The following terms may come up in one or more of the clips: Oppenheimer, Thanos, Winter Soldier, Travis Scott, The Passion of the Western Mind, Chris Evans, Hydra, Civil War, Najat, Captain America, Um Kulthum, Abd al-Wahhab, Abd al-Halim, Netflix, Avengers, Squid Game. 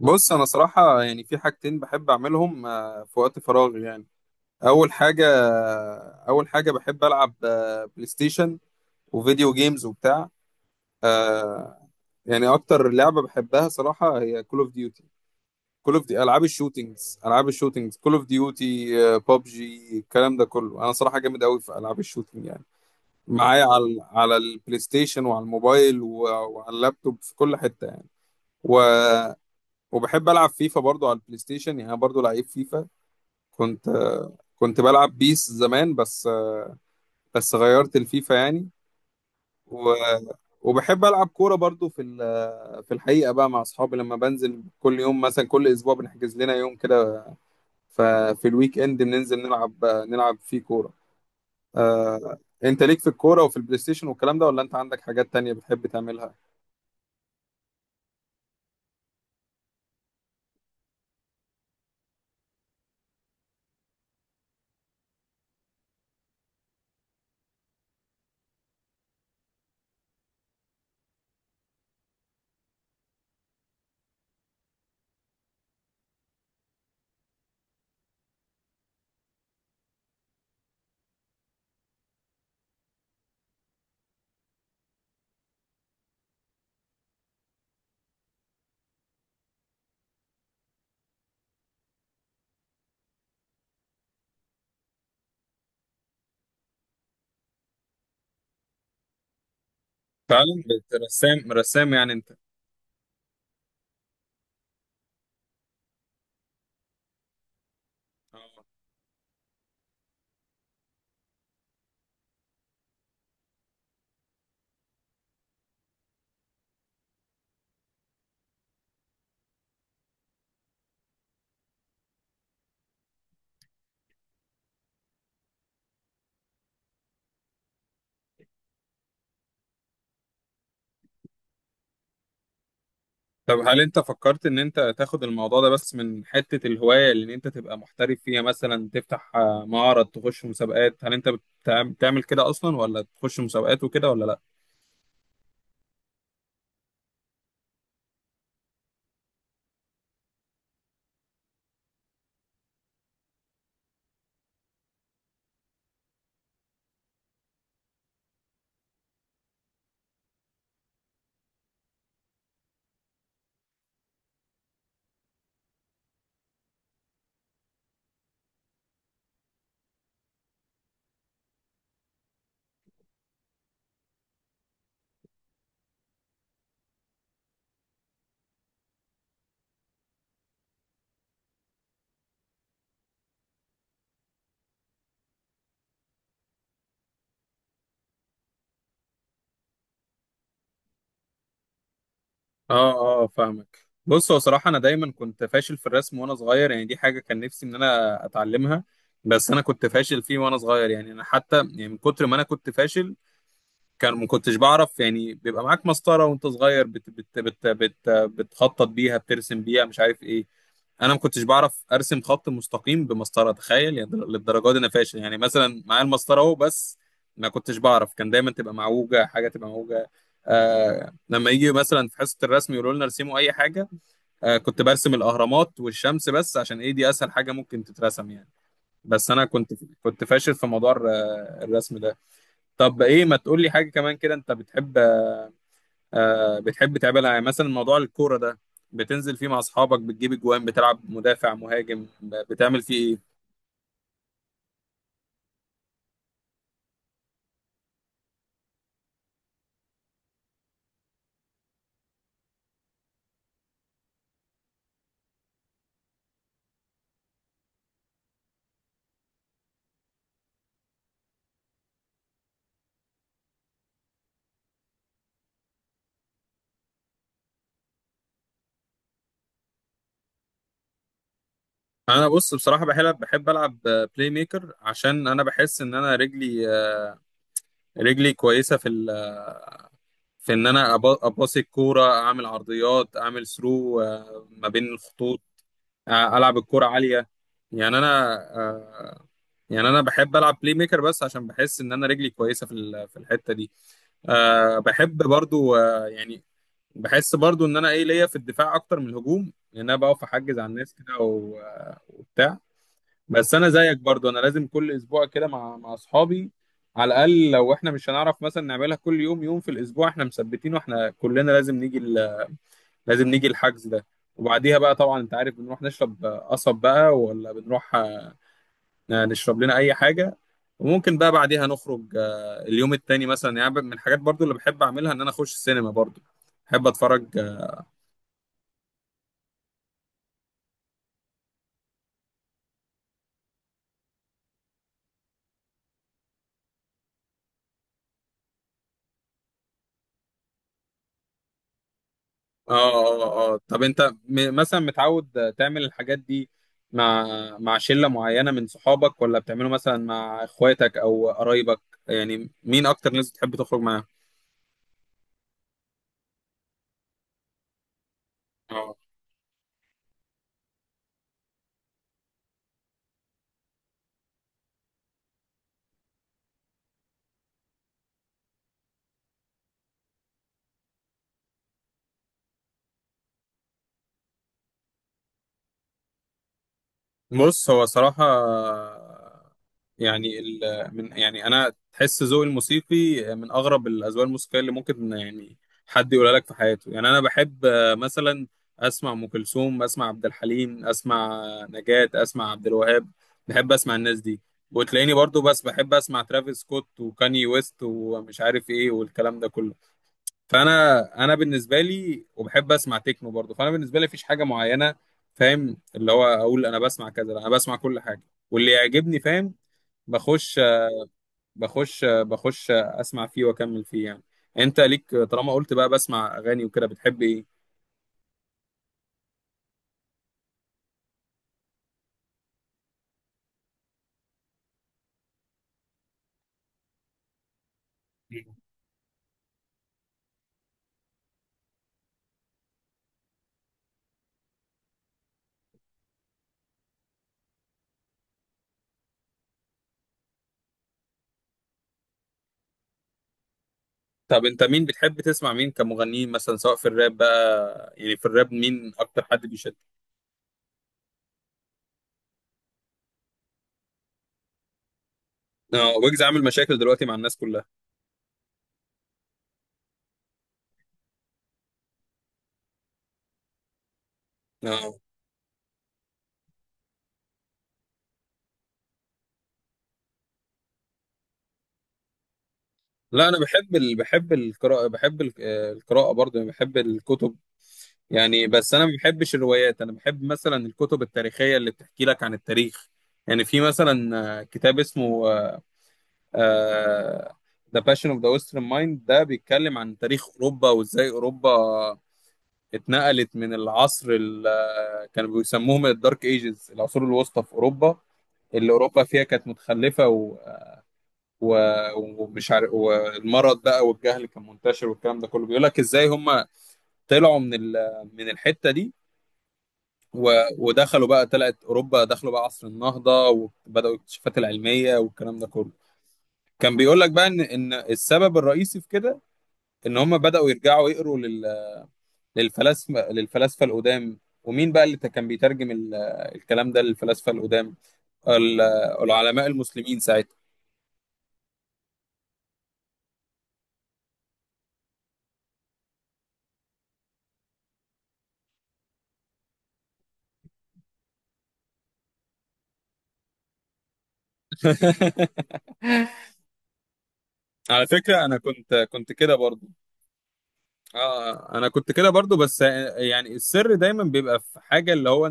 بص انا صراحه يعني في حاجتين بحب اعملهم في وقت فراغي يعني. اول حاجه بحب العب بلاي ستيشن وفيديو جيمز وبتاع آه، يعني اكتر لعبه بحبها صراحه هي كول اوف ديوتي. كول اوف دي العاب الشوتينجز كول اوف ديوتي بابجي الكلام ده كله انا صراحه جامد قوي في العاب الشوتينج يعني. معايا على البلاي ستيشن وعلى الموبايل وعلى اللابتوب في كل حته يعني. و... وبحب العب فيفا برضو على البلاي ستيشن يعني انا برضو لعيب فيفا. كنت كنت بلعب بيس زمان بس غيرت الفيفا يعني. و... وبحب العب كوره برضو في الحقيقه بقى مع اصحابي لما بنزل كل يوم مثلا كل اسبوع بنحجز لنا يوم كده. ففي الويك اند بننزل نلعب فيه كوره آه... انت ليك في الكوره وفي البلاي ستيشن والكلام ده ولا انت عندك حاجات تانية بتحب تعملها؟ فعلا رسام رسام يعني انت؟ طب هل انت فكرت ان انت تاخد الموضوع ده بس من حتة الهواية اللي ان انت تبقى محترف فيها مثلا تفتح معرض تخش مسابقات هل انت بتعمل كده اصلا ولا تخش مسابقات وكده ولا لا؟ اه اه فاهمك. بص هو صراحة انا دايما كنت فاشل في الرسم وانا صغير يعني دي حاجة كان نفسي ان انا اتعلمها. بس انا كنت فاشل فيه وانا صغير يعني انا حتى يعني من كتر ما انا كنت فاشل كان ما كنتش بعرف. يعني بيبقى معاك مسطرة وانت صغير بت بت بت بت بتخطط بيها بترسم بيها مش عارف ايه. انا ما كنتش بعرف ارسم خط مستقيم بمسطره تخيل يعني للدرجه دي انا فاشل يعني مثلا معايا المسطره اهو بس ما كنتش بعرف. كان دايما تبقى معوجه حاجه تبقى معوجه. لما يجي مثلا في حصه الرسم يقولوا لنا ارسموا اي حاجه. كنت برسم الاهرامات والشمس بس عشان ايه دي اسهل حاجه ممكن تترسم يعني. بس انا كنت فاشل في موضوع الرسم ده. طب ايه ما تقول لي حاجه كمان كده انت بتحب تعملها يعني مثلا موضوع الكورة ده بتنزل فيه مع أصحابك بتجيب أجوان بتلعب مدافع مهاجم بتعمل فيه إيه؟ أنا بص بصراحة بحب ألعب بلاي ميكر عشان أنا بحس إن أنا رجلي كويسة في إن أنا أباصي الكورة أعمل عرضيات أعمل ثرو ما بين الخطوط. ألعب الكورة عالية يعني أنا. يعني انا بحب العب بلاي ميكر بس عشان بحس ان انا رجلي كويسه في الحته دي. بحب برضو يعني بحس برضو ان انا ايه ليا في الدفاع اكتر من الهجوم لان انا بقف احجز على الناس كده وبتاع. بس انا زيك برضو انا لازم كل اسبوع كده مع اصحابي على الاقل لو احنا مش هنعرف مثلا نعملها كل يوم يوم في الاسبوع احنا مثبتين واحنا كلنا لازم نيجي الحجز ده. وبعديها بقى طبعا انت عارف بنروح نشرب قصب بقى ولا بنروح نشرب لنا اي حاجه. وممكن بقى بعديها نخرج اليوم التاني مثلا يعني من الحاجات برضو اللي بحب اعملها ان انا اخش السينما برضو بحب اتفرج. اه اه اه طب انت مثلا متعود تعمل الحاجات دي مع مع شلة معينة من صحابك ولا بتعمله مثلا مع اخواتك او قرايبك يعني مين اكتر ناس بتحب تخرج معاهم؟ بص هو صراحة يعني من يعني أنا تحس ذوقي الموسيقي من أغرب الأذواق الموسيقية اللي ممكن يعني حد يقولها لك في حياته يعني أنا بحب مثلا أسمع أم كلثوم أسمع عبد الحليم أسمع نجاة أسمع عبد الوهاب بحب أسمع الناس دي. وتلاقيني برضو بس بحب أسمع ترافيس سكوت وكاني ويست ومش عارف إيه والكلام ده كله. فانا بالنسبه لي وبحب اسمع تكنو برضه فانا بالنسبه لي مفيش حاجه معينه فاهم اللي هو اقول انا بسمع كذا لا انا بسمع كل حاجه واللي يعجبني فاهم. بخش بخش اسمع فيه واكمل فيه يعني. انت ليك طالما قلت بقى بسمع اغاني وكده بتحب ايه؟ طب انت مين بتحب تسمع مين كمغنيين مثلا سواء في الراب بقى يعني في الراب مين اكتر حد بيشد؟ اه ويجز عامل مشاكل دلوقتي مع الناس كلها. اه لا انا بحب القراءه بحب ال- آه، القراءه برضه يعني بحب الكتب يعني. بس انا ما بحبش الروايات انا بحب مثلا الكتب التاريخيه اللي بتحكي لك عن التاريخ. يعني في مثلا كتاب اسمه ذا باشن اوف ذا ويسترن مايند ده بيتكلم عن تاريخ اوروبا وازاي اوروبا اتنقلت من العصر اللي كانوا بيسموهم الدارك ايجز العصور الوسطى في اوروبا اللي اوروبا فيها كانت متخلفه و... ومش عارف والمرض بقى والجهل كان منتشر والكلام ده كله بيقول لك ازاي هم طلعوا من الحته دي و- ودخلوا بقى طلعت اوروبا دخلوا بقى عصر النهضه وبداوا الاكتشافات العلميه والكلام ده كله. كان بيقول لك بقى ان السبب الرئيسي في كده ان هم بداوا يرجعوا يقروا للفلاسفه القدام. ومين بقى اللي كان بيترجم الكلام ده للفلاسفه القدام. ال- العلماء المسلمين ساعتها. على فكره انا كنت كده برضو. اه انا كنت كده برضو بس يعني السر دايما بيبقى في حاجه اللي هو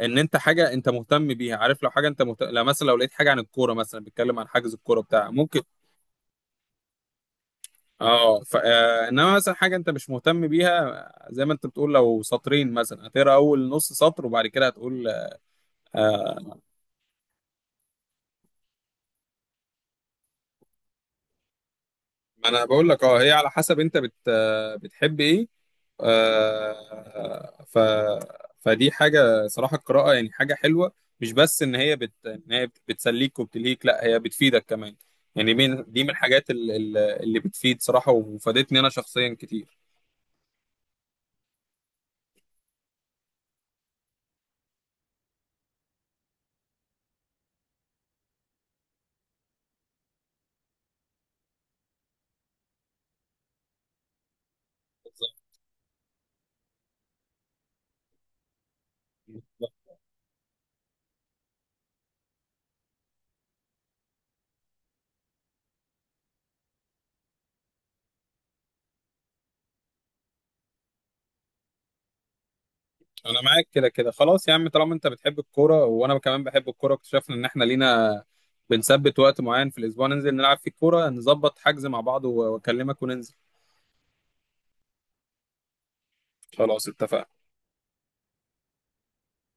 ان انت حاجه انت مهتم بيها عارف لو حاجه انت مهتم لو مثلا لو لقيت حاجه عن الكوره مثلا بيتكلم عن حجز الكوره بتاع ممكن. اه ف... آه، انما مثلا حاجه انت مش مهتم بيها زي ما انت بتقول لو سطرين مثلا هتقرا اول نص سطر وبعد كده هتقول آه، ما انا بقول لك اه هي على حسب انت بتحب ايه آه، ف فدي حاجه صراحه القراءه يعني حاجه حلوه. مش بس ان هي بتسليك وبتلهيك لا هي بتفيدك كمان. يعني من دي من الحاجات اللي بتفيد صراحه وفادتني انا شخصيا كتير. بالظبط، بالظبط. انا معاك كده كده خلاص يا عم طالما انت بتحب الكوره وانا كمان بحب الكوره اكتشفنا ان احنا لينا بنثبت وقت معين في الاسبوع ننزل نلعب فيه الكوره نظبط حجز مع بعض واكلمك وننزل. خلاص اتفقنا.